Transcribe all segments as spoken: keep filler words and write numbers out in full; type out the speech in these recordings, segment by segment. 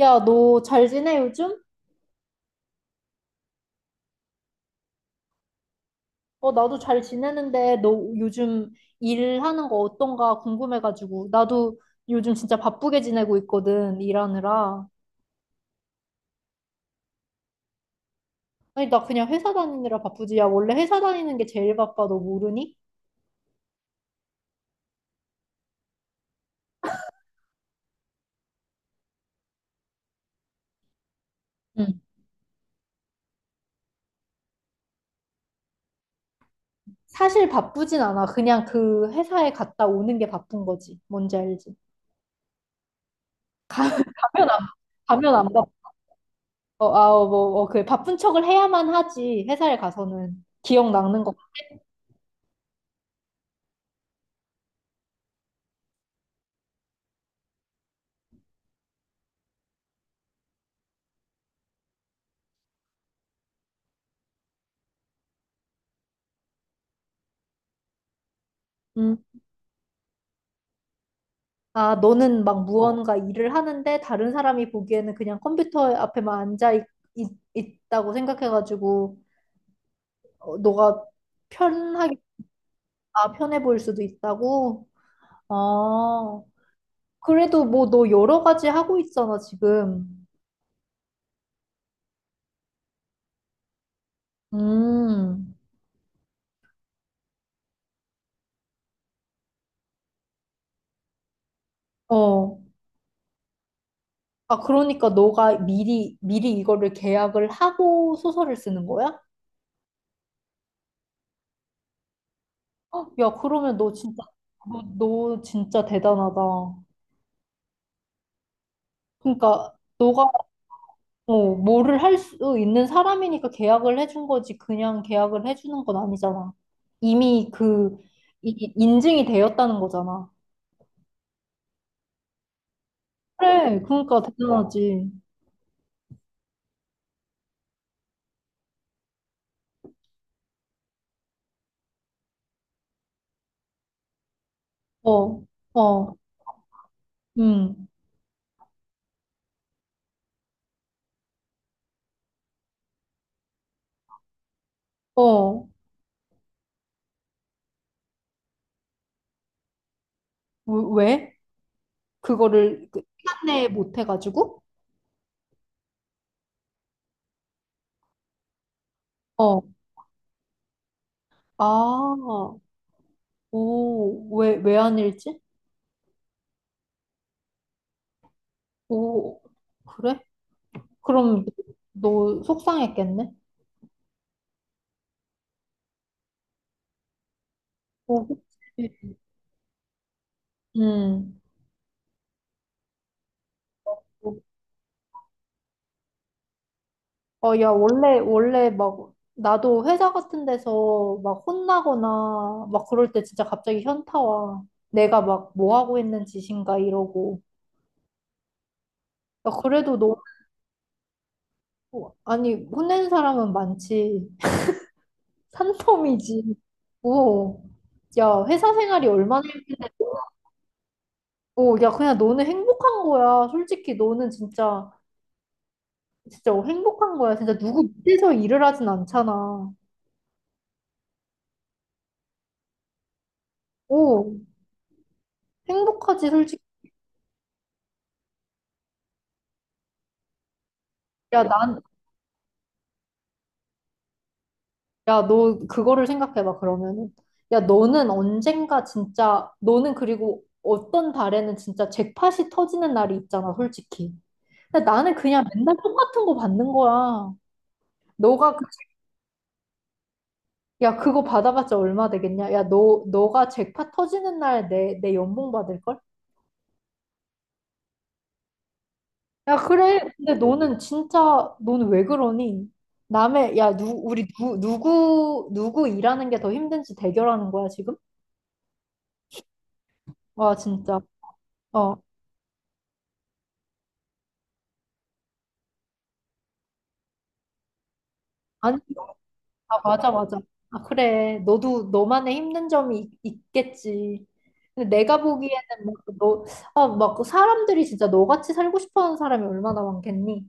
야, 너 잘 지내, 요즘? 어, 나도 잘 지내는데, 너 요즘 일하는 거 어떤가 궁금해가지고. 나도 요즘 진짜 바쁘게 지내고 있거든, 일하느라. 아니, 나 그냥 회사 다니느라 바쁘지. 야, 원래 회사 다니는 게 제일 바빠, 너 모르니? 응. 사실 바쁘진 않아. 그냥 그 회사에 갔다 오는 게 바쁜 거지. 뭔지 알지? 가면 안 가면 안 바빠. 어, 아, 어, 뭐, 어, 그 바쁜 척을 해야만 하지, 회사에 가서는. 기억 낚는 거. 아, 너는 막 어, 무언가 일을 하는데 다른 사람이 보기에는 그냥 컴퓨터 앞에만 앉아 있, 있, 다고 생각해가지고 어, 너가 편하게, 아, 편해 보일 수도 있다고? 아, 그래도 뭐 너 여러 가지 하고 있잖아, 지금. 음, 어. 아, 그러니까 너가 미리, 미리 이거를 계약을 하고 소설을 쓰는 거야? 야, 그러면 너 진짜, 너, 너 진짜 대단하다. 그러니까 너가 어, 뭐를 할 수 있는 사람이니까 계약을 해준 거지. 그냥 계약을 해주는 건 아니잖아. 이미 그, 이, 인증이 되었다는 거잖아. 그래, 그러니까 대단하지. 어, 어, 음, 어, 왜? 그거를 그 시간 내에 못 해가지고? 어, 아, 오, 왜, 왜 안 일지? 오, 그래? 그럼 너 속상했겠네? 오, 그치. 음. 어, 야, 원래, 원래 막, 나도 회사 같은 데서 막 혼나거나 막 그럴 때 진짜 갑자기 현타 와. 내가 막 뭐 하고 있는 짓인가 이러고. 야, 그래도 너무, 아니, 혼낸 사람은 많지. 산더미지. 오. 야, 회사 생활이 얼마나, 오, 야, 그냥 너는 행복한 거야. 솔직히 너는 진짜, 진짜 행복한 거야. 진짜 누구 밑에서 일을 하진 않잖아. 오, 행복하지, 솔직히. 야, 난, 야, 너 그거를 생각해봐, 그러면은. 야, 너는 언젠가 진짜, 너는 그리고 어떤 달에는 진짜 잭팟이 터지는 날이 있잖아, 솔직히. 근데 나는 그냥 맨날 똑같은 거 받는 거야. 너가, 그- 야, 그거 받아봤자 얼마 되겠냐? 야, 너, 너가 잭팟 터지는 날 내, 내 연봉 받을걸? 야, 그래. 근데 너는 진짜, 너는 왜 그러니? 남의, 야, 누, 우리 누, 누구, 누구 일하는 게 더 힘든지 대결하는 거야, 지금? 와, 진짜. 어. 아니 아, 맞아, 맞아. 아, 그래. 너도 너만의 힘든 점이 있, 겠지 근데 내가 보기에는 막 너, 아, 막그 사람들이 진짜 너같이 살고 싶어 하는 사람이 얼마나 많겠니?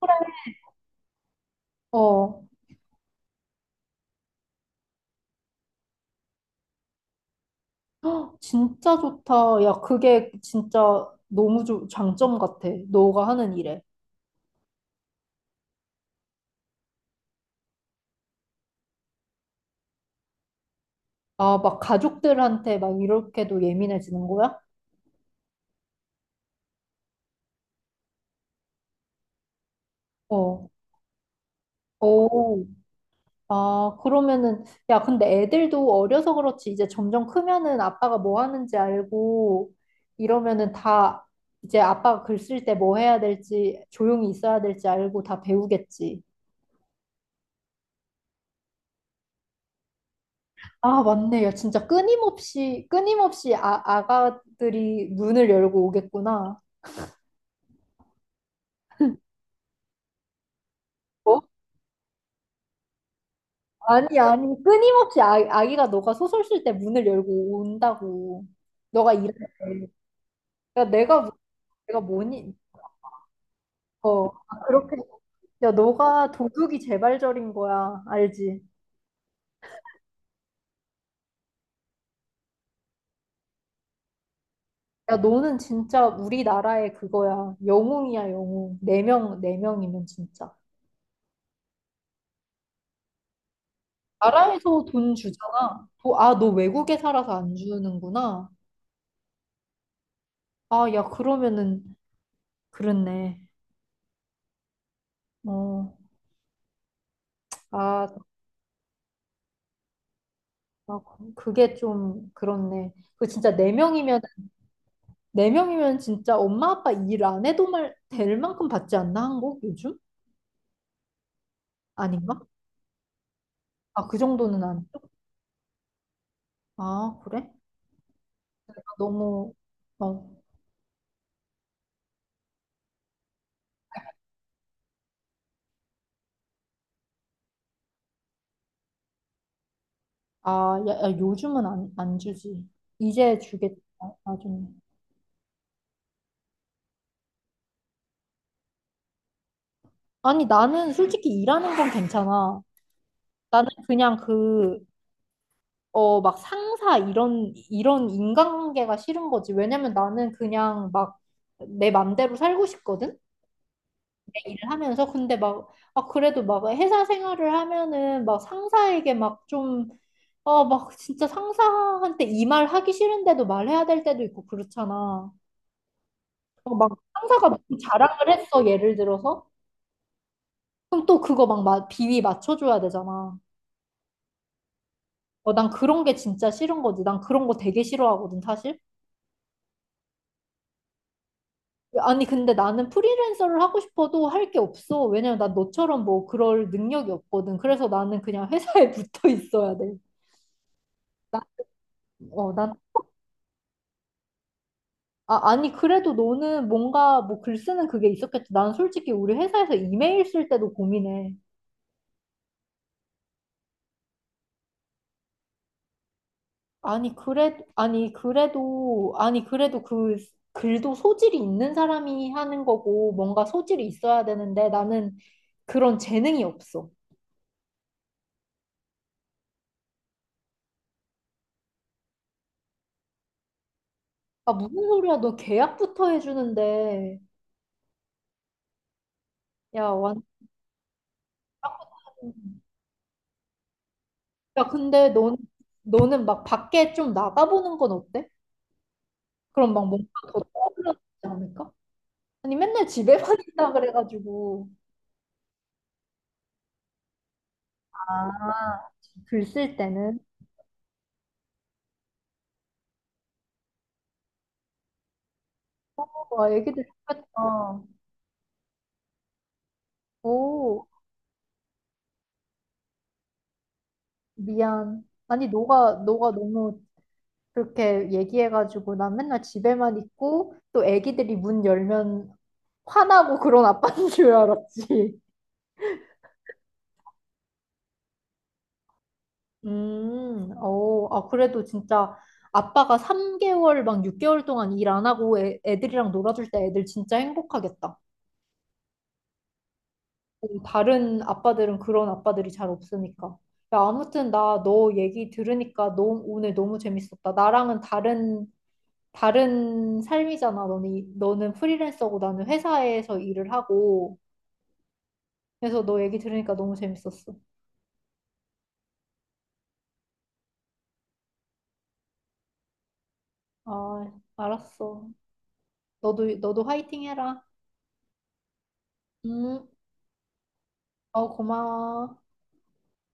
그래. 어. 헉, 진짜 좋다. 야, 그게 진짜 너무 좋 장점 같아. 너가 하는 일에. 아, 막 가족들한테 막 이렇게도 예민해지는 거야? 어. 오. 아, 그러면은, 야, 근데 애들도 어려서 그렇지, 이제 점점 크면은 아빠가 뭐 하는지 알고, 이러면은 다, 이제 아빠가 글 쓸 때 뭐 해야 될지, 조용히 있어야 될지 알고 다 배우겠지. 아, 맞네. 야, 진짜 끊임없이, 끊임없이 아, 아가들이 문을 열고 오겠구나. 어? 아니, 아니, 끊임없이 아, 아기가 너가 소설 쓸 때 문을 열고 온다고. 너가 일할 때. 야, 내가, 내가 뭐니, 어, 아, 그렇게. 야, 너가 도둑이 재발절인 거야. 알지? 야, 너는 진짜 우리나라의 그거야. 영웅이야, 영웅. 네 명, 네 명이면 진짜. 나라에서 돈 주잖아. 도, 아, 너 외국에 살아서 안 주는구나. 아, 야, 그러면은, 그렇네. 어, 아, 아, 그게 좀, 그렇네. 그 진짜 네 명이면, 네 명이면 진짜 엄마 아빠 일 안 해도 말, 될 만큼 받지 않나, 한국 요즘? 아닌가? 아, 그 정도는 아니야. 아, 그래? 너무, 어, 아, 야, 야, 요즘은 안, 안 주지. 이제 주겠다, 나중에. 아니, 나는 솔직히 일하는 건 괜찮아. 나는 그냥 그, 어, 막 상사 이런, 이런 인간관계가 싫은 거지. 왜냐면 나는 그냥 막 내 맘대로 살고 싶거든? 내 일을 하면서. 근데 막, 아, 그래도 막 회사 생활을 하면은 막 상사에게 막 좀, 어, 막 진짜 상사한테 이 말 하기 싫은데도 말해야 될 때도 있고 그렇잖아. 어, 막 상사가 막 자랑을 했어, 예를 들어서. 그럼 또 그거 막 마- 비위 맞춰줘야 되잖아. 어, 난 그런 게 진짜 싫은 거지. 난 그런 거 되게 싫어하거든, 사실. 아니, 근데 나는 프리랜서를 하고 싶어도 할 게 없어. 왜냐면 난 너처럼 뭐 그럴 능력이 없거든. 그래서 나는 그냥 회사에 붙어 있어야 돼. 나, 어, 난, 아, 아니, 그래도 너는 뭔가 뭐 글 쓰는 그게 있었겠지. 난 솔직히 우리 회사에서 이메일 쓸 때도 고민해. 아니, 그래, 아니, 그래도, 아니, 그래도 그 글도 소질이 있는 사람이 하는 거고, 뭔가 소질이 있어야 되는데, 나는 그런 재능이 없어. 아, 무슨 소리야. 너 계약부터 해주는데. 야, 완, 야, 근데 넌, 너는 막 밖에 좀 나가보는 건 어때? 그럼 막 뭔가 더 떨어지지 않을까? 아니, 맨날 집에만 있다 그래가지고. 아, 글 쓸 때는. 와, 애기들 좋겠다. 오. 미안. 아니, 너가, 너가 너무 그렇게 얘기해가지고 난 맨날 집에만 있고 또 애기들이 문 열면 화나고 그런 아빠인 줄 알았지. 음, 어, 아, 그래도 진짜 아빠가 삼 개월 막 육 개월 동안 일 안 하고 애, 애들이랑 놀아줄 때 애들 진짜 행복하겠다. 음, 다른 아빠들은 그런 아빠들이 잘 없으니까. 야, 아무튼 나 너 얘기 들으니까 너, 오늘 너무 재밌었다. 나랑은 다른 다른 삶이잖아. 너는, 너는 프리랜서고 나는 회사에서 일을 하고. 그래서 너 얘기 들으니까 너무 재밌었어. 아, 알았어. 너도, 너도 화이팅 해라. 음, 어, 고마워.